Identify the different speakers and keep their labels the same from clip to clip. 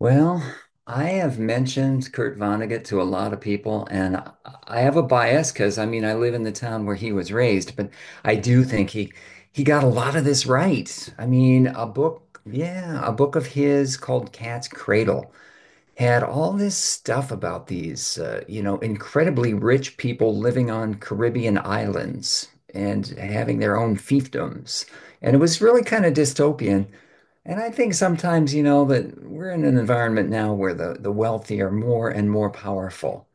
Speaker 1: Well, I have mentioned Kurt Vonnegut to a lot of people, and I have a bias because I mean I live in the town where he was raised, but I do think he got a lot of this right. I mean, a book of his called Cat's Cradle had all this stuff about these, you know, incredibly rich people living on Caribbean islands and having their own fiefdoms, and it was really kind of dystopian. And I think sometimes, you know, that we're in an environment now where the wealthy are more and more powerful.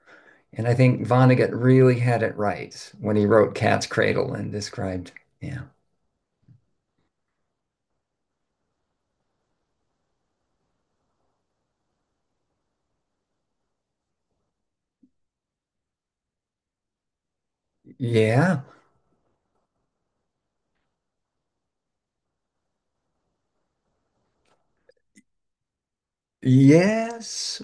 Speaker 1: And I think Vonnegut really had it right when he wrote Cat's Cradle and described, yeah, yeah, yes.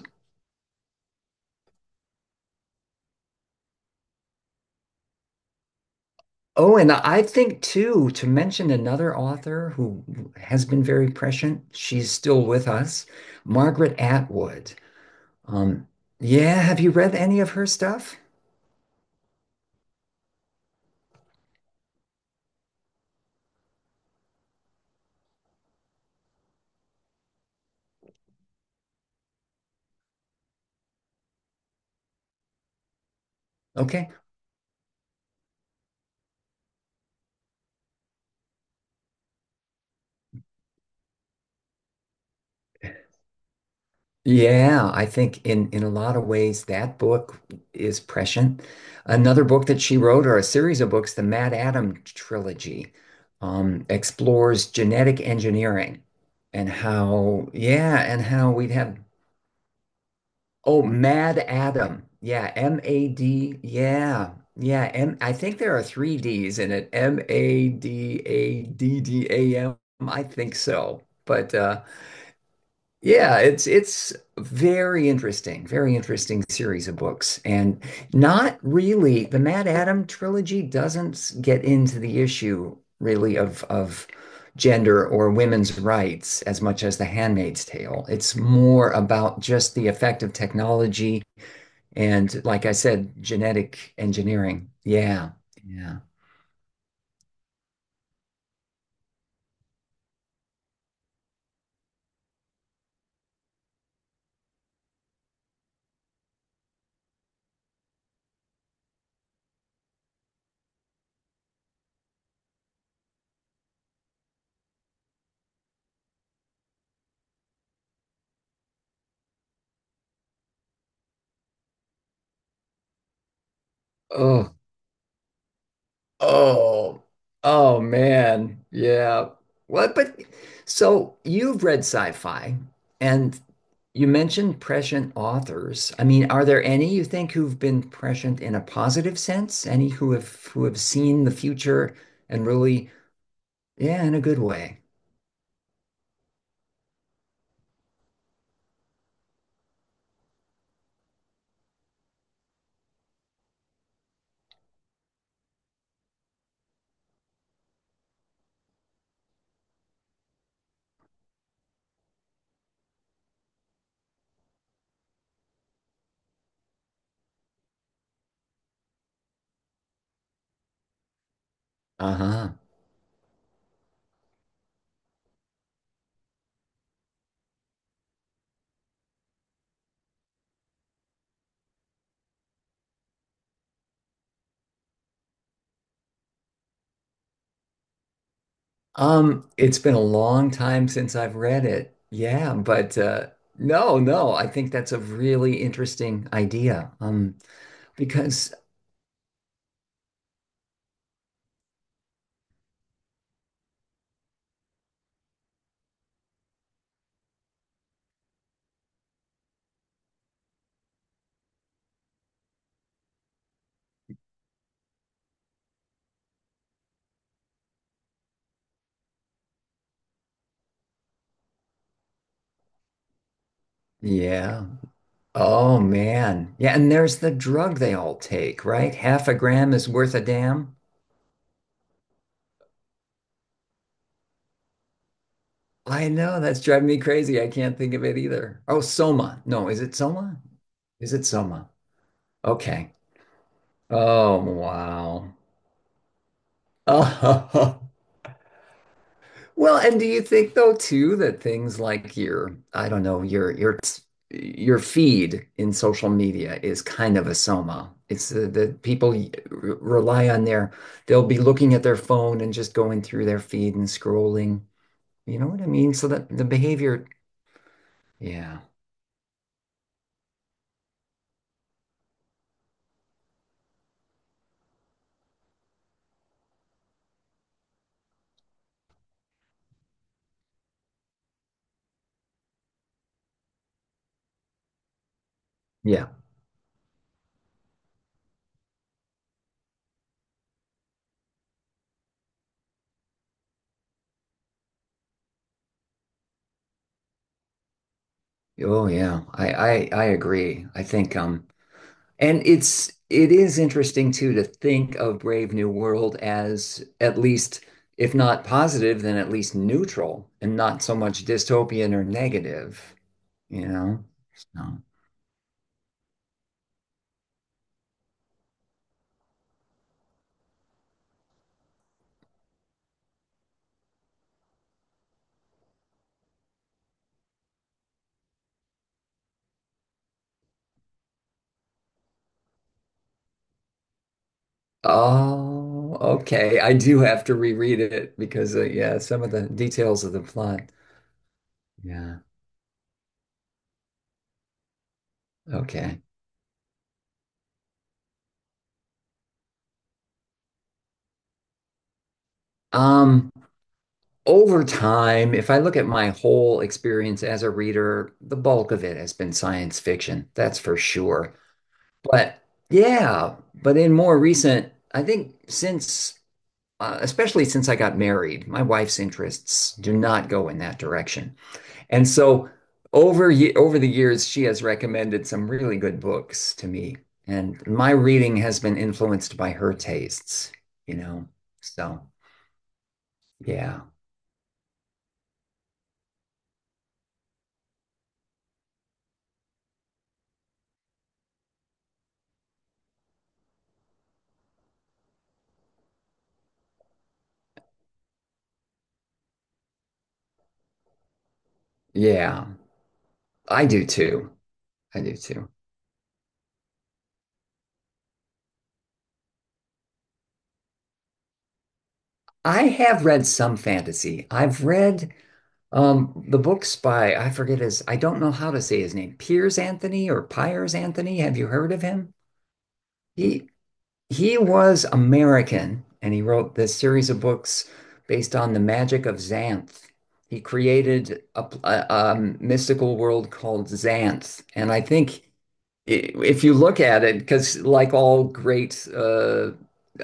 Speaker 1: Oh, and I think too, to mention another author who has been very prescient, she's still with us, Margaret Atwood. Um, yeah, have you read any of her stuff? Okay. Yeah, I think in a lot of ways that book is prescient. Another book that she wrote, or a series of books, the Mad Adam trilogy, explores genetic engineering and how, yeah, and how we'd have, oh, Mad Adam. Yeah, M-A-D. Yeah. Yeah, M I think there are three D's in it. MaddAddam. I think so. But yeah, it's very interesting series of books, and not really the Mad Adam trilogy doesn't get into the issue really of gender or women's rights as much as The Handmaid's Tale. It's more about just the effect of technology and, like I said, genetic engineering. Yeah, yeah. Oh. Oh, oh man. Yeah. What, but so you've read sci-fi and you mentioned prescient authors. I mean, are there any you think who've been prescient in a positive sense? Any who have seen the future and really, yeah, in a good way. Uh-huh. It's been a long time since I've read it. Yeah, but no, no, I think that's a really interesting idea. Because yeah. Oh man. Yeah, and there's the drug they all take, right? Half a gram is worth a damn. I know that's driving me crazy. I can't think of it either. Oh, Soma. No, is it Soma? Is it Soma? Okay. Oh, wow. Well, and do you think though too that things like your, I don't know, your feed in social media is kind of a soma. It's the people rely on their, they'll be looking at their phone and just going through their feed and scrolling. You know what I mean? So that the behavior, yeah, yeah, oh yeah, I agree. I think And it is interesting too to think of Brave New World as at least, if not positive, then at least neutral and not so much dystopian or negative, you know? So, oh, okay. I do have to reread it because yeah, some of the details of the plot. Yeah. Okay. Um, Over time, if I look at my whole experience as a reader, the bulk of it has been science fiction. That's for sure. But yeah, but in more recent, especially since I got married, my wife's interests do not go in that direction. And so over over the years, she has recommended some really good books to me, and my reading has been influenced by her tastes, you know. So yeah, yeah, I do too. I do too. I have read some fantasy. I've read the book's by, I forget his, I don't know how to say his name, Piers Anthony or Piers Anthony. Have you heard of him? He he was American and he wrote this series of books based on the magic of Xanth. He created a mystical world called Xanth. And I think i- if you look at it, because like all great uh,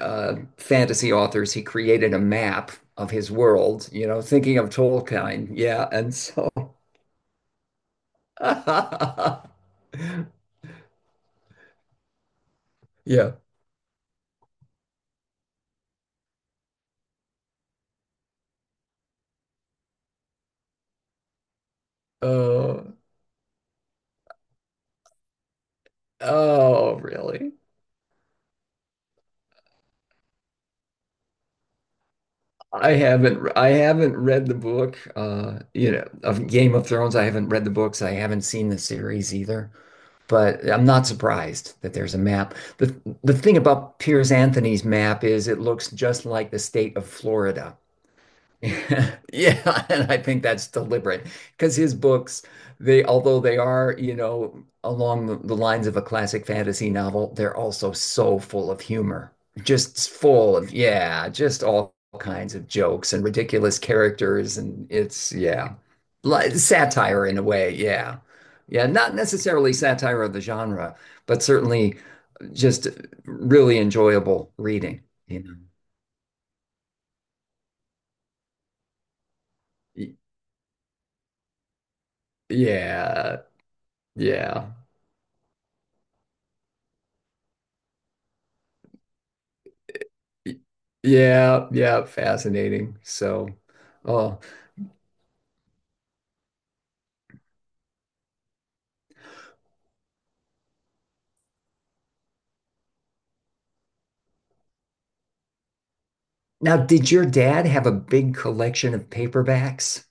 Speaker 1: uh, fantasy authors, he created a map of his world, you know, thinking of Tolkien. Yeah. And so yeah. Oh, oh, really? I haven't read the book, you know, of Game of Thrones. I haven't read the books. I haven't seen the series either. But I'm not surprised that there's a map. The thing about Piers Anthony's map is it looks just like the state of Florida. Yeah, and I think that's deliberate because his books, they although they are, you know, along the lines of a classic fantasy novel, they're also so full of humor. Just full of, yeah, just all kinds of jokes and ridiculous characters and it's yeah. Like satire in a way, yeah. Yeah, not necessarily satire of the genre, but certainly just really enjoyable reading, you know. Y- Yeah, yeah. Y- Yeah, yeah, fascinating. So, oh, now did your dad have a big collection of paperbacks?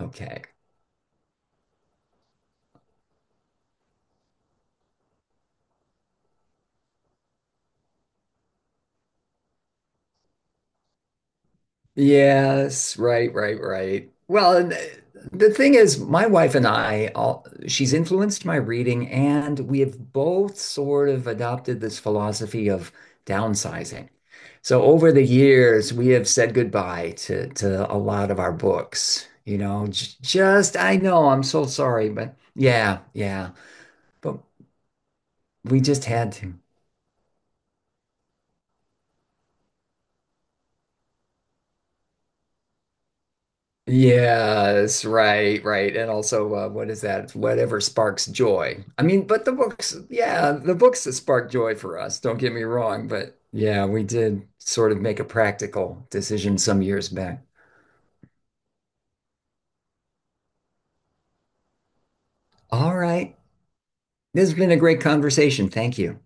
Speaker 1: Okay. Yes, right, right, right. Well, and the thing is, my wife and I, all, she's influenced my reading, and we have both sort of adopted this philosophy of downsizing. So over the years, we have said goodbye to a lot of our books. You know, just I know I'm so sorry, but yeah, yeah, but we just had to. Yes, right, right. And also, what is that? Whatever sparks joy. I mean, but the books, yeah, the books that spark joy for us, don't get me wrong, but yeah, we did sort of make a practical decision some years back. All right. This has been a great conversation. Thank you.